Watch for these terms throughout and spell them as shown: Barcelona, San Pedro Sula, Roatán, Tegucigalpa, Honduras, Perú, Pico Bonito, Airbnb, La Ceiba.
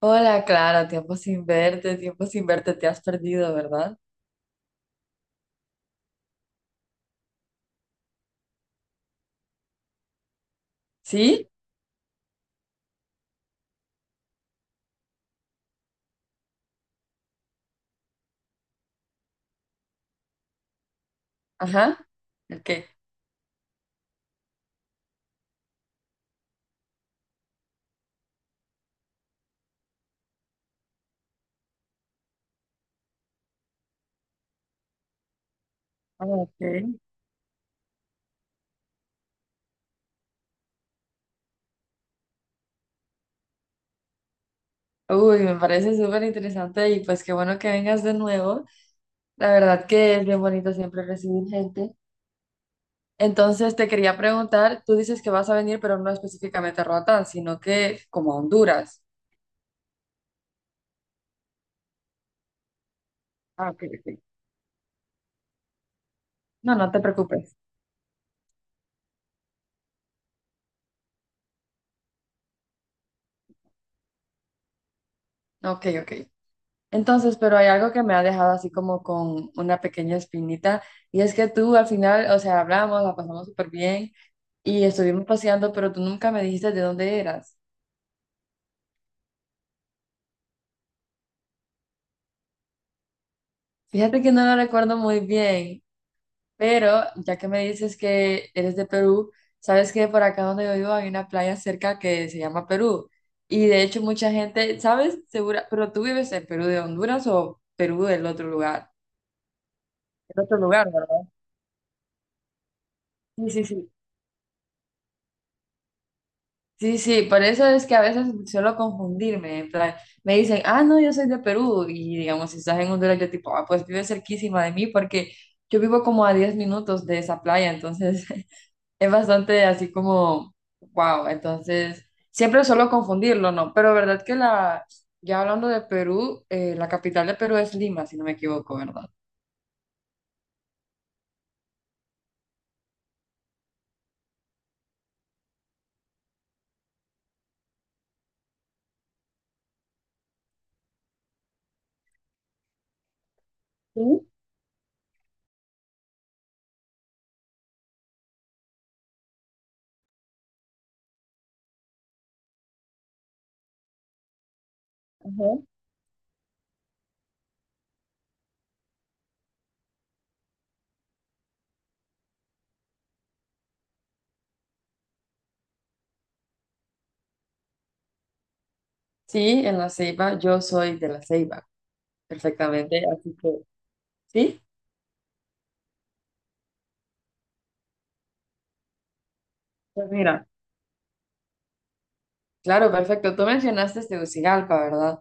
Hola, Clara, tiempo sin verte, te has perdido, ¿verdad? ¿Sí? Ajá. Ok. Ah, ok. Uy, me parece súper interesante y pues qué bueno que vengas de nuevo. La verdad que es bien bonito siempre recibir gente. Entonces te quería preguntar, tú dices que vas a venir, pero no específicamente a Roatán, sino que como a Honduras. Ah, ok, ok. No, no te preocupes. Ok, ok. Entonces, pero hay algo que me ha dejado así como con una pequeña espinita, y es que tú al final, o sea, hablamos, la pasamos súper bien y estuvimos paseando, pero tú nunca me dijiste de dónde eras. Fíjate que no lo recuerdo muy bien, pero ya que me dices que eres de Perú, sabes que por acá donde yo vivo hay una playa cerca que se llama Perú, y de hecho mucha gente, ¿sabes? Segura, pero tú vives en Perú de Honduras o Perú del otro lugar, ¿verdad? Sí, sí, sí. Sí, sí, por eso es que a veces suelo confundirme, en plan, me dicen, ah, no, yo soy de Perú, y digamos, si estás en Honduras, yo tipo, ah, pues vive cerquísima de mí, porque yo vivo como a 10 minutos de esa playa, entonces es bastante así como, wow, entonces siempre suelo confundirlo, ¿no? Pero verdad que ya hablando de Perú, la capital de Perú es Lima, si no me equivoco, ¿verdad? Sí, ajá. Sí, en La Ceiba, yo soy de La Ceiba, perfectamente, así que, ¿sí? Pues mira. Claro, perfecto. Tú mencionaste Tegucigalpa, ¿verdad?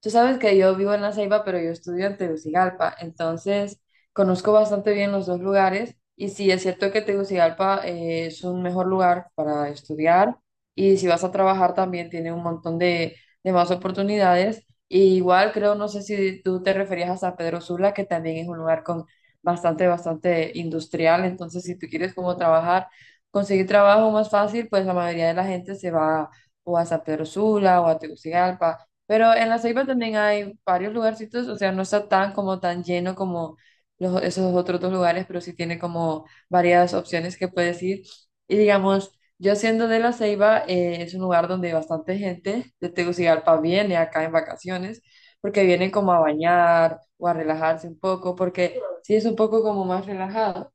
Tú sabes que yo vivo en La Ceiba, pero yo estudio en Tegucigalpa, entonces conozco bastante bien los dos lugares y sí, es cierto que Tegucigalpa es un mejor lugar para estudiar y si vas a trabajar también tiene un montón de más oportunidades. Y igual creo, no sé si tú te referías a San Pedro Sula, que también es un lugar con bastante, bastante industrial, entonces si tú quieres como trabajar, conseguir trabajo más fácil, pues la mayoría de la gente se va o a San Pedro Sula o a Tegucigalpa, pero en La Ceiba también hay varios lugarcitos, o sea, no está tan como tan lleno como los, esos otros dos lugares, pero sí tiene como varias opciones que puedes ir. Y digamos, yo siendo de La Ceiba, es un lugar donde bastante gente de Tegucigalpa viene acá en vacaciones, porque vienen como a bañar o a relajarse un poco, porque sí es un poco como más relajado.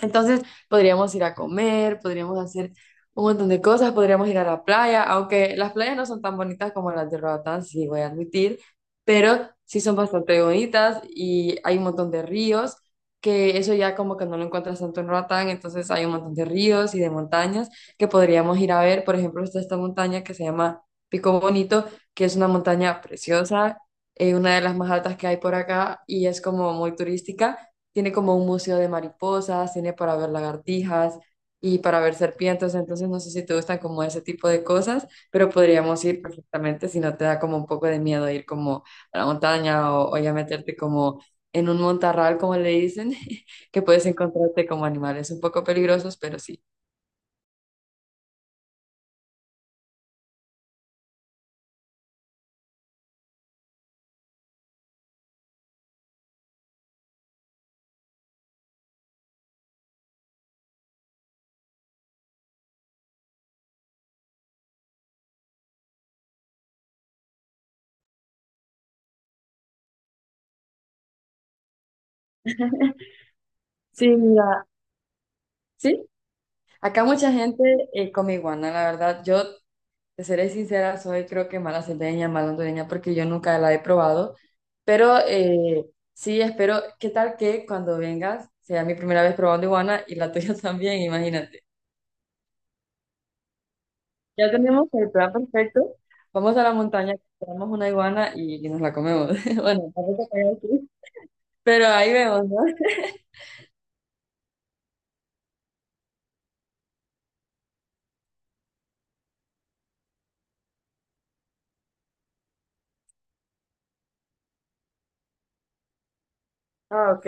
Entonces podríamos ir a comer, podríamos hacer un montón de cosas, podríamos ir a la playa, aunque las playas no son tan bonitas como las de Roatán, sí voy a admitir, pero sí son bastante bonitas y hay un montón de ríos, que eso ya como que no lo encuentras tanto en Roatán, entonces hay un montón de ríos y de montañas que podríamos ir a ver. Por ejemplo, está esta montaña que se llama Pico Bonito, que es una montaña preciosa, una de las más altas que hay por acá y es como muy turística, tiene como un museo de mariposas, tiene para ver lagartijas y para ver serpientes, entonces no sé si te gustan como ese tipo de cosas, pero podríamos ir perfectamente si no te da como un poco de miedo ir como a la montaña o ya meterte como en un montarral, como le dicen, que puedes encontrarte como animales un poco peligrosos, pero sí. Sí, mira, sí. Acá mucha gente come iguana, la verdad. Yo Te seré sincera, soy creo que mala salteña, porque yo nunca la he probado. Pero sí, espero, ¿qué tal que cuando vengas sea mi primera vez probando iguana y la tuya también? Imagínate. Ya tenemos el plan perfecto. Vamos a la montaña, compramos una iguana y nos la comemos. Bueno, tampoco te voy a decir, pero ahí vemos, ¿no? Ah, ok.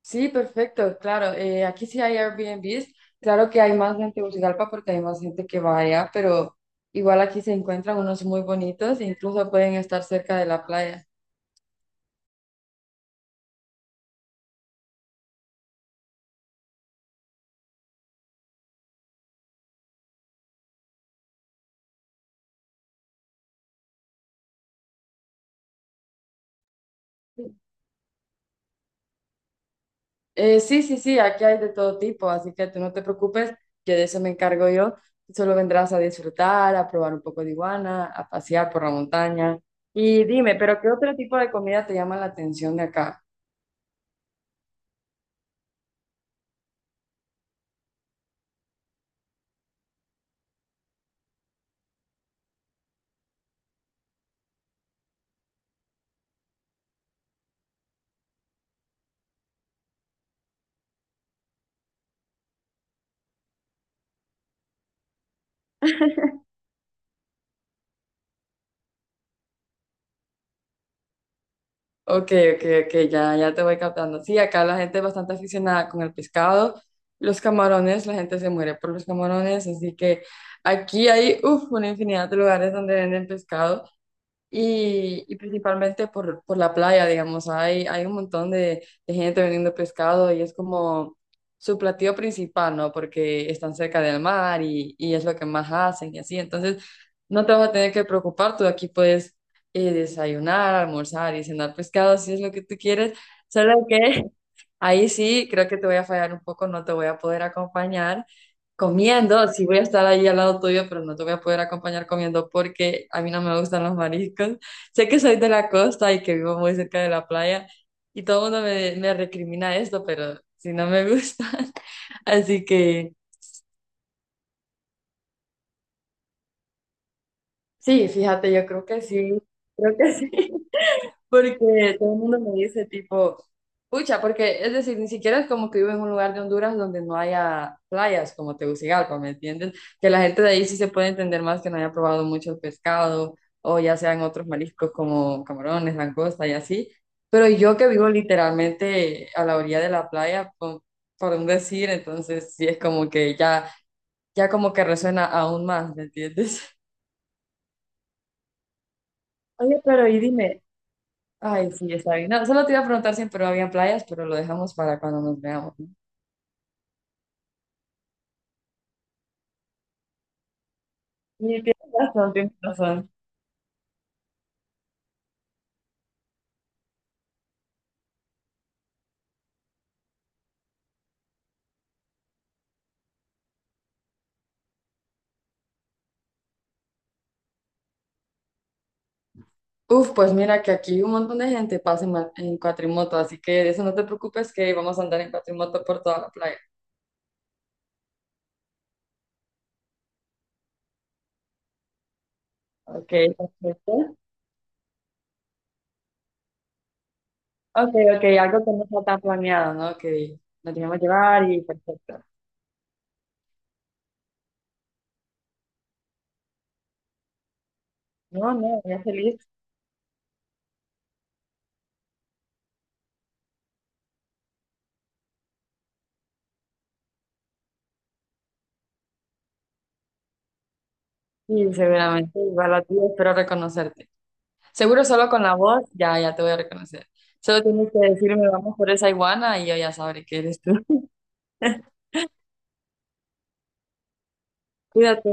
Sí, perfecto, claro. Aquí sí hay Airbnbs. Claro que hay más en Tegucigalpa porque hay más gente que va allá, pero igual aquí se encuentran unos muy bonitos e incluso pueden estar cerca de la playa. Sí, sí, sí, aquí hay de todo tipo, así que tú no te preocupes, que de eso me encargo yo. Tú solo vendrás a disfrutar, a probar un poco de iguana, a pasear por la montaña. Y dime, ¿pero qué otro tipo de comida te llama la atención de acá? Ok, ok, ok, ya, ya te voy captando. Sí, acá la gente es bastante aficionada con el pescado, los camarones, la gente se muere por los camarones, así que aquí hay uf, una infinidad de lugares donde venden pescado. Y principalmente por la playa, digamos, hay un montón de gente vendiendo pescado y es como su platillo principal, ¿no? Porque están cerca del mar y es lo que más hacen y así. Entonces, no te vas a tener que preocupar, tú aquí puedes desayunar, almorzar y cenar pescado si es lo que tú quieres, solo que ahí sí, creo que te voy a fallar un poco, no te voy a poder acompañar comiendo, sí voy a estar ahí al lado tuyo, pero no te voy a poder acompañar comiendo porque a mí no me gustan los mariscos. Sé que soy de la costa y que vivo muy cerca de la playa y todo el mundo me recrimina esto, pero si no me gustan. Así que sí, fíjate, yo creo que sí, creo que sí. Porque todo el mundo me dice tipo, pucha, porque es decir, ni siquiera es como que vivo en un lugar de Honduras donde no haya playas como Tegucigalpa, ¿me entienden? Que la gente de ahí sí se puede entender más que no haya probado mucho el pescado o ya sean otros mariscos como camarones, langosta y así. Pero yo que vivo literalmente a la orilla de la playa, por un decir, entonces sí es como que ya, ya como que resuena aún más, ¿me entiendes? Oye, pero y dime, ay, sí, está bien. No, solo te iba a preguntar si en Perú había playas, pero lo dejamos para cuando nos veamos. Y tienes razón, tienes razón. Uf, pues mira que aquí un montón de gente pasa en cuatrimoto, así que de eso no te preocupes que vamos a andar en cuatrimoto por toda la playa. Ok, perfecto. Ok, ok, algo que no está tan planeado, ¿no? Que nos dejemos llevar y perfecto. No, no, ya feliz. Sí, seguramente, igual a ti, espero reconocerte. Seguro solo con la voz, ya, ya te voy a reconocer. Solo tienes que decirme, vamos por esa iguana y yo ya sabré que eres tú. Cuídate.